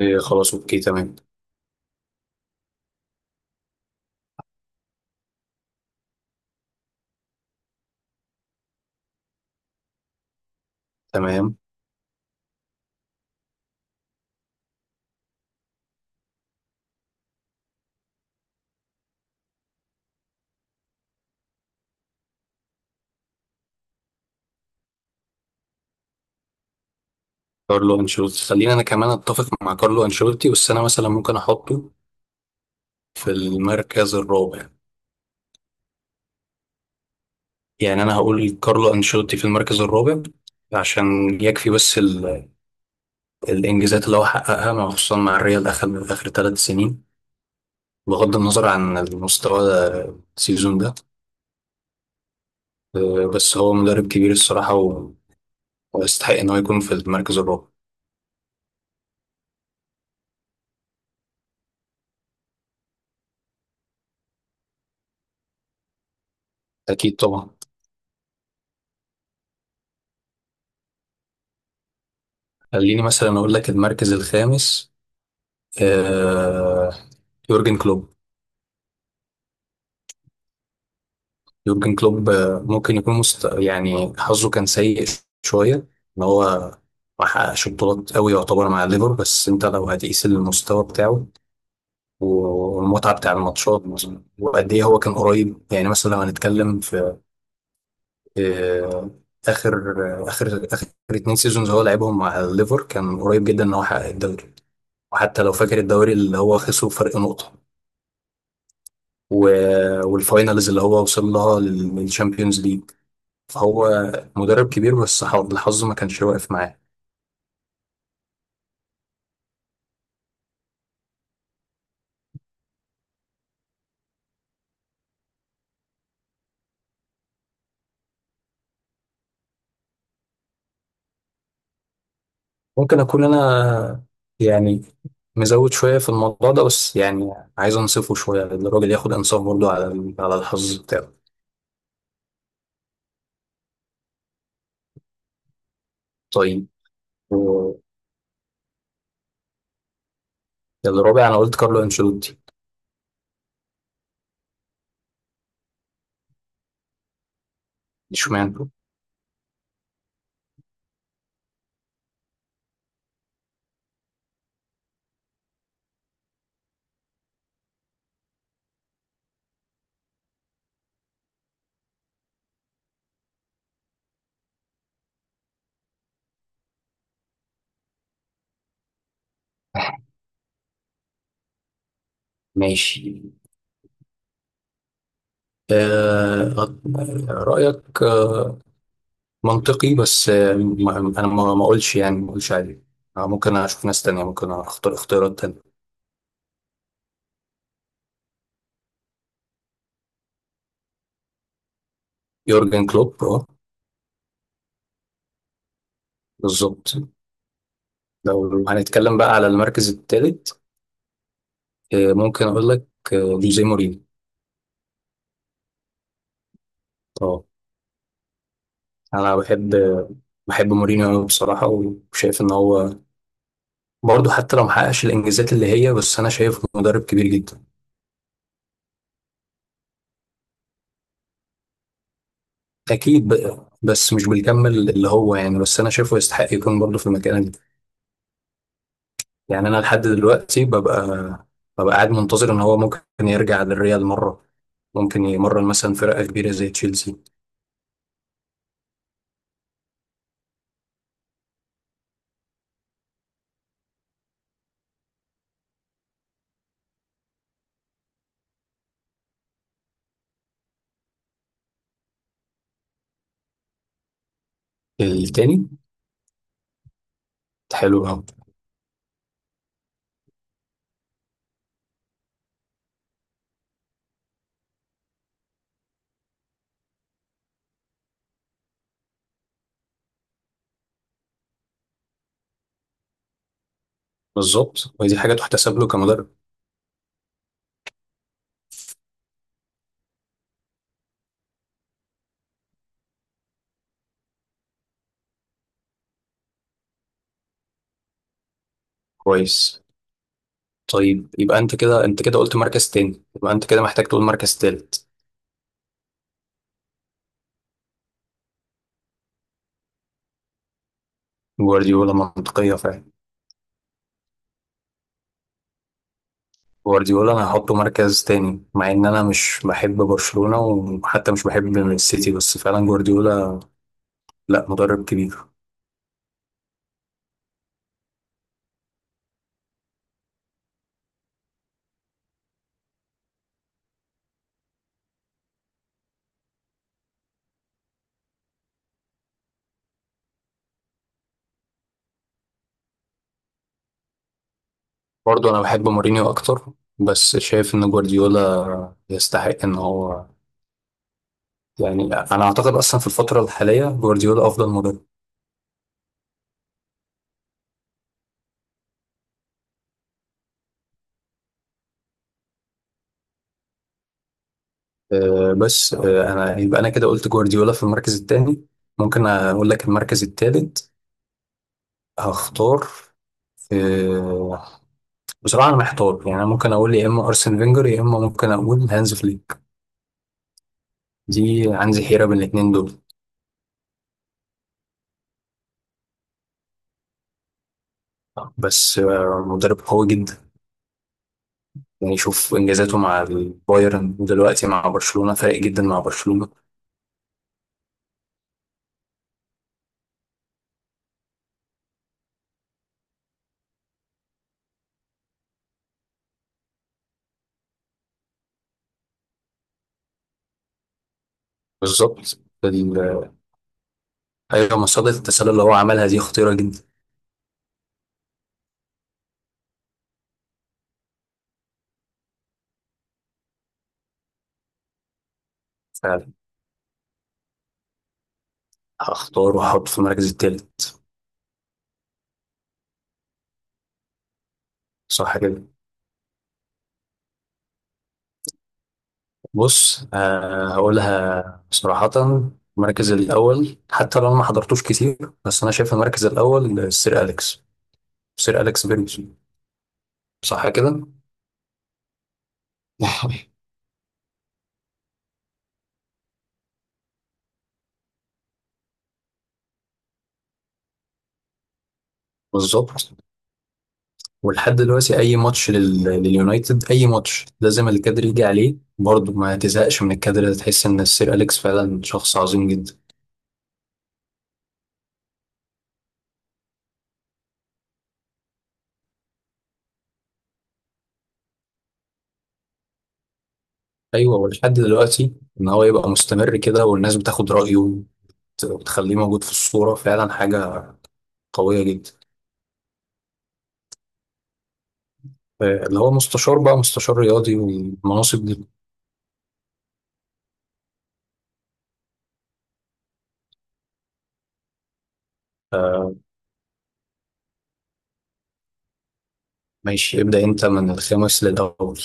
إيه خلاص اوكي تمام تمام. كارلو انشيلوتي، خلينا، انا كمان اتفق مع كارلو انشيلوتي، بس انا مثلا ممكن احطه في المركز الرابع. يعني انا هقول كارلو انشيلوتي في المركز الرابع عشان يكفي بس الانجازات اللي هو حققها خصوصا مع الريال اخر اخر 3 سنين، بغض النظر عن المستوى السيزون ده. بس هو مدرب كبير الصراحة ويستحق ان هو يكون في المركز الرابع. اكيد طبعا. خليني مثلا اقول لك المركز الخامس، آه، يورجن كلوب. يورجن كلوب ممكن يكون يعني حظه كان سيء شوية، ان هو ما حققش بطولات قوي يعتبر مع الليفر، بس انت لو هتقيس المستوى بتاعه والمتعة بتاع الماتشات وقد ايه هو كان قريب. يعني مثلا لو هنتكلم في آه، اخر اخر 2 سيزونز هو لعبهم مع الليفر، كان قريب جدا ان هو يحقق الدوري، وحتى لو فاكر الدوري اللي هو خسره فرق نقطة و... والفاينلز اللي هو وصل لها للشامبيونز ليج. هو مدرب كبير بس الحظ ما كانش واقف معاه. ممكن اكون انا يعني مزود شويه في الموضوع ده، بس يعني عايز انصفه شويه لأن الراجل ياخد انصاف برضه على على الحظ بتاعه. طيب. و- الرابع انا قلت كارلو انشيلوتي. اشمعنى؟ ماشي. آه، رايك آه منطقي، بس آه انا ما اقولش، يعني ما اقولش عليه. آه، ممكن اشوف ناس تانية، ممكن اختار اختيارات تانية. يورجن كلوب، اه. بالظبط. لو هنتكلم بقى على المركز الثالث، ممكن اقول لك آه، جوزيه مورينيو. اه، انا بحب، بحب مورينيو أوي بصراحه، وشايف ان هو برضه حتى لو محققش الانجازات اللي هي، بس انا شايفه مدرب كبير جدا. اكيد بقى، بس مش بالكم اللي هو، يعني بس انا شايفه يستحق يكون برضه في المكان ده. يعني انا لحد دلوقتي ببقى، ببقى قاعد منتظر ان هو ممكن يرجع للريال مره، ممكن يمرن مثلا فرقه كبيره زي تشيلسي. التاني. حلو قوي. بالظبط، ودي حاجه تحتسب له كمدرب. كويس. طيب يبقى انت كده، انت كده قلت مركز تاني، يبقى انت كده محتاج تقول مركز تالت. جوارديولا منطقية فعلا. جوارديولا انا هحطه مركز تاني، مع ان انا مش بحب برشلونة وحتى مش بحب السيتي، بس فعلا جوارديولا، لا مدرب كبير. برضه انا بحب مورينيو اكتر، بس شايف ان جوارديولا يستحق ان هو، يعني انا اعتقد اصلا في الفترة الحالية جوارديولا افضل مدرب. أه بس أه انا يبقى انا كده قلت جوارديولا في المركز التاني. ممكن اقول لك المركز التالت، هختار، آه، بصراحة أنا محتار، يعني أنا ممكن أقول يا إما أرسن فينجر يا إما ممكن أقول هانز فليك. دي، عندي حيرة بين الاتنين دول. بس آه، مدرب قوي جدا، يعني شوف إنجازاته مع البايرن ودلوقتي مع برشلونة، فارق جدا مع برشلونة. بالظبط. ال- آه، أيوة، مصيدة التسلل اللي هو عملها دي خطيرة جدا. فعلا. هختار وأحط في المركز التالت. صح كده. بص، آه هقولها صراحة، المركز الأول حتى لو أنا ما حضرتوش كتير، بس أنا شايف المركز الأول السير أليكس. سير أليكس فيرجسون. صح كده؟ صح. بالظبط. ولحد دلوقتي أي ماتش لليونايتد، أي ماتش لازم الكادر يجي عليه برضه، ما تزهقش من الكادر ده، تحس إن السير أليكس فعلا شخص عظيم جدا. أيوه، ولحد دلوقتي إن هو يبقى مستمر كده، والناس بتاخد رأيه وتخليه موجود في الصورة، فعلا حاجة قوية جدا. اللي هو مستشار بقى، مستشار رياضي والمناصب دي. ماشي. ابدأ انت من الخامس للأول.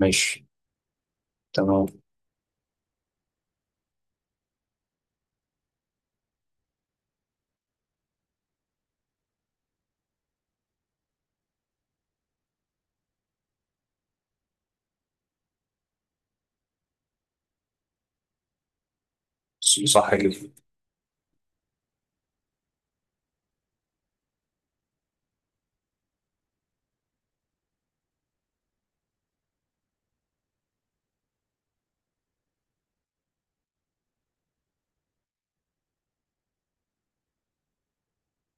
ماشي. تمام. صح كده.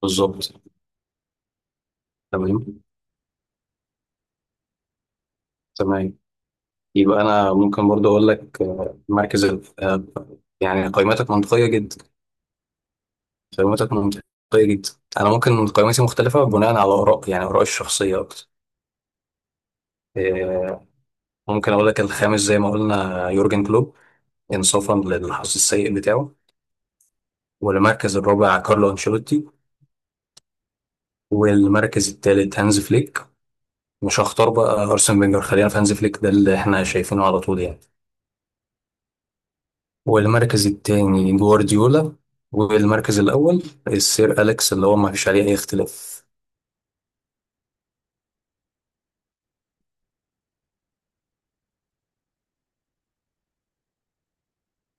بالظبط. تمام تمام. يبقى أنا ممكن برضه أقول لك آه، يعني قيمتك منطقية جدا. قيمتك منطقية جدا. أنا ممكن قيمتي مختلفة بناء على آراء، يعني آرائي الشخصية أكتر. آه، ممكن أقول لك الخامس زي ما قلنا يورجن كلوب، إنصافا للحظ السيء بتاعه. والمركز الرابع كارلو أنشيلوتي. والمركز الثالث هانز فليك، مش هختار بقى ارسن فينجر، خلينا في هانز فليك ده اللي احنا شايفينه على طول يعني. والمركز الثاني جوارديولا. والمركز الاول السير اليكس، اللي هو ما فيش عليه اي اختلاف.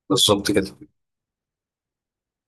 بالظبط كده.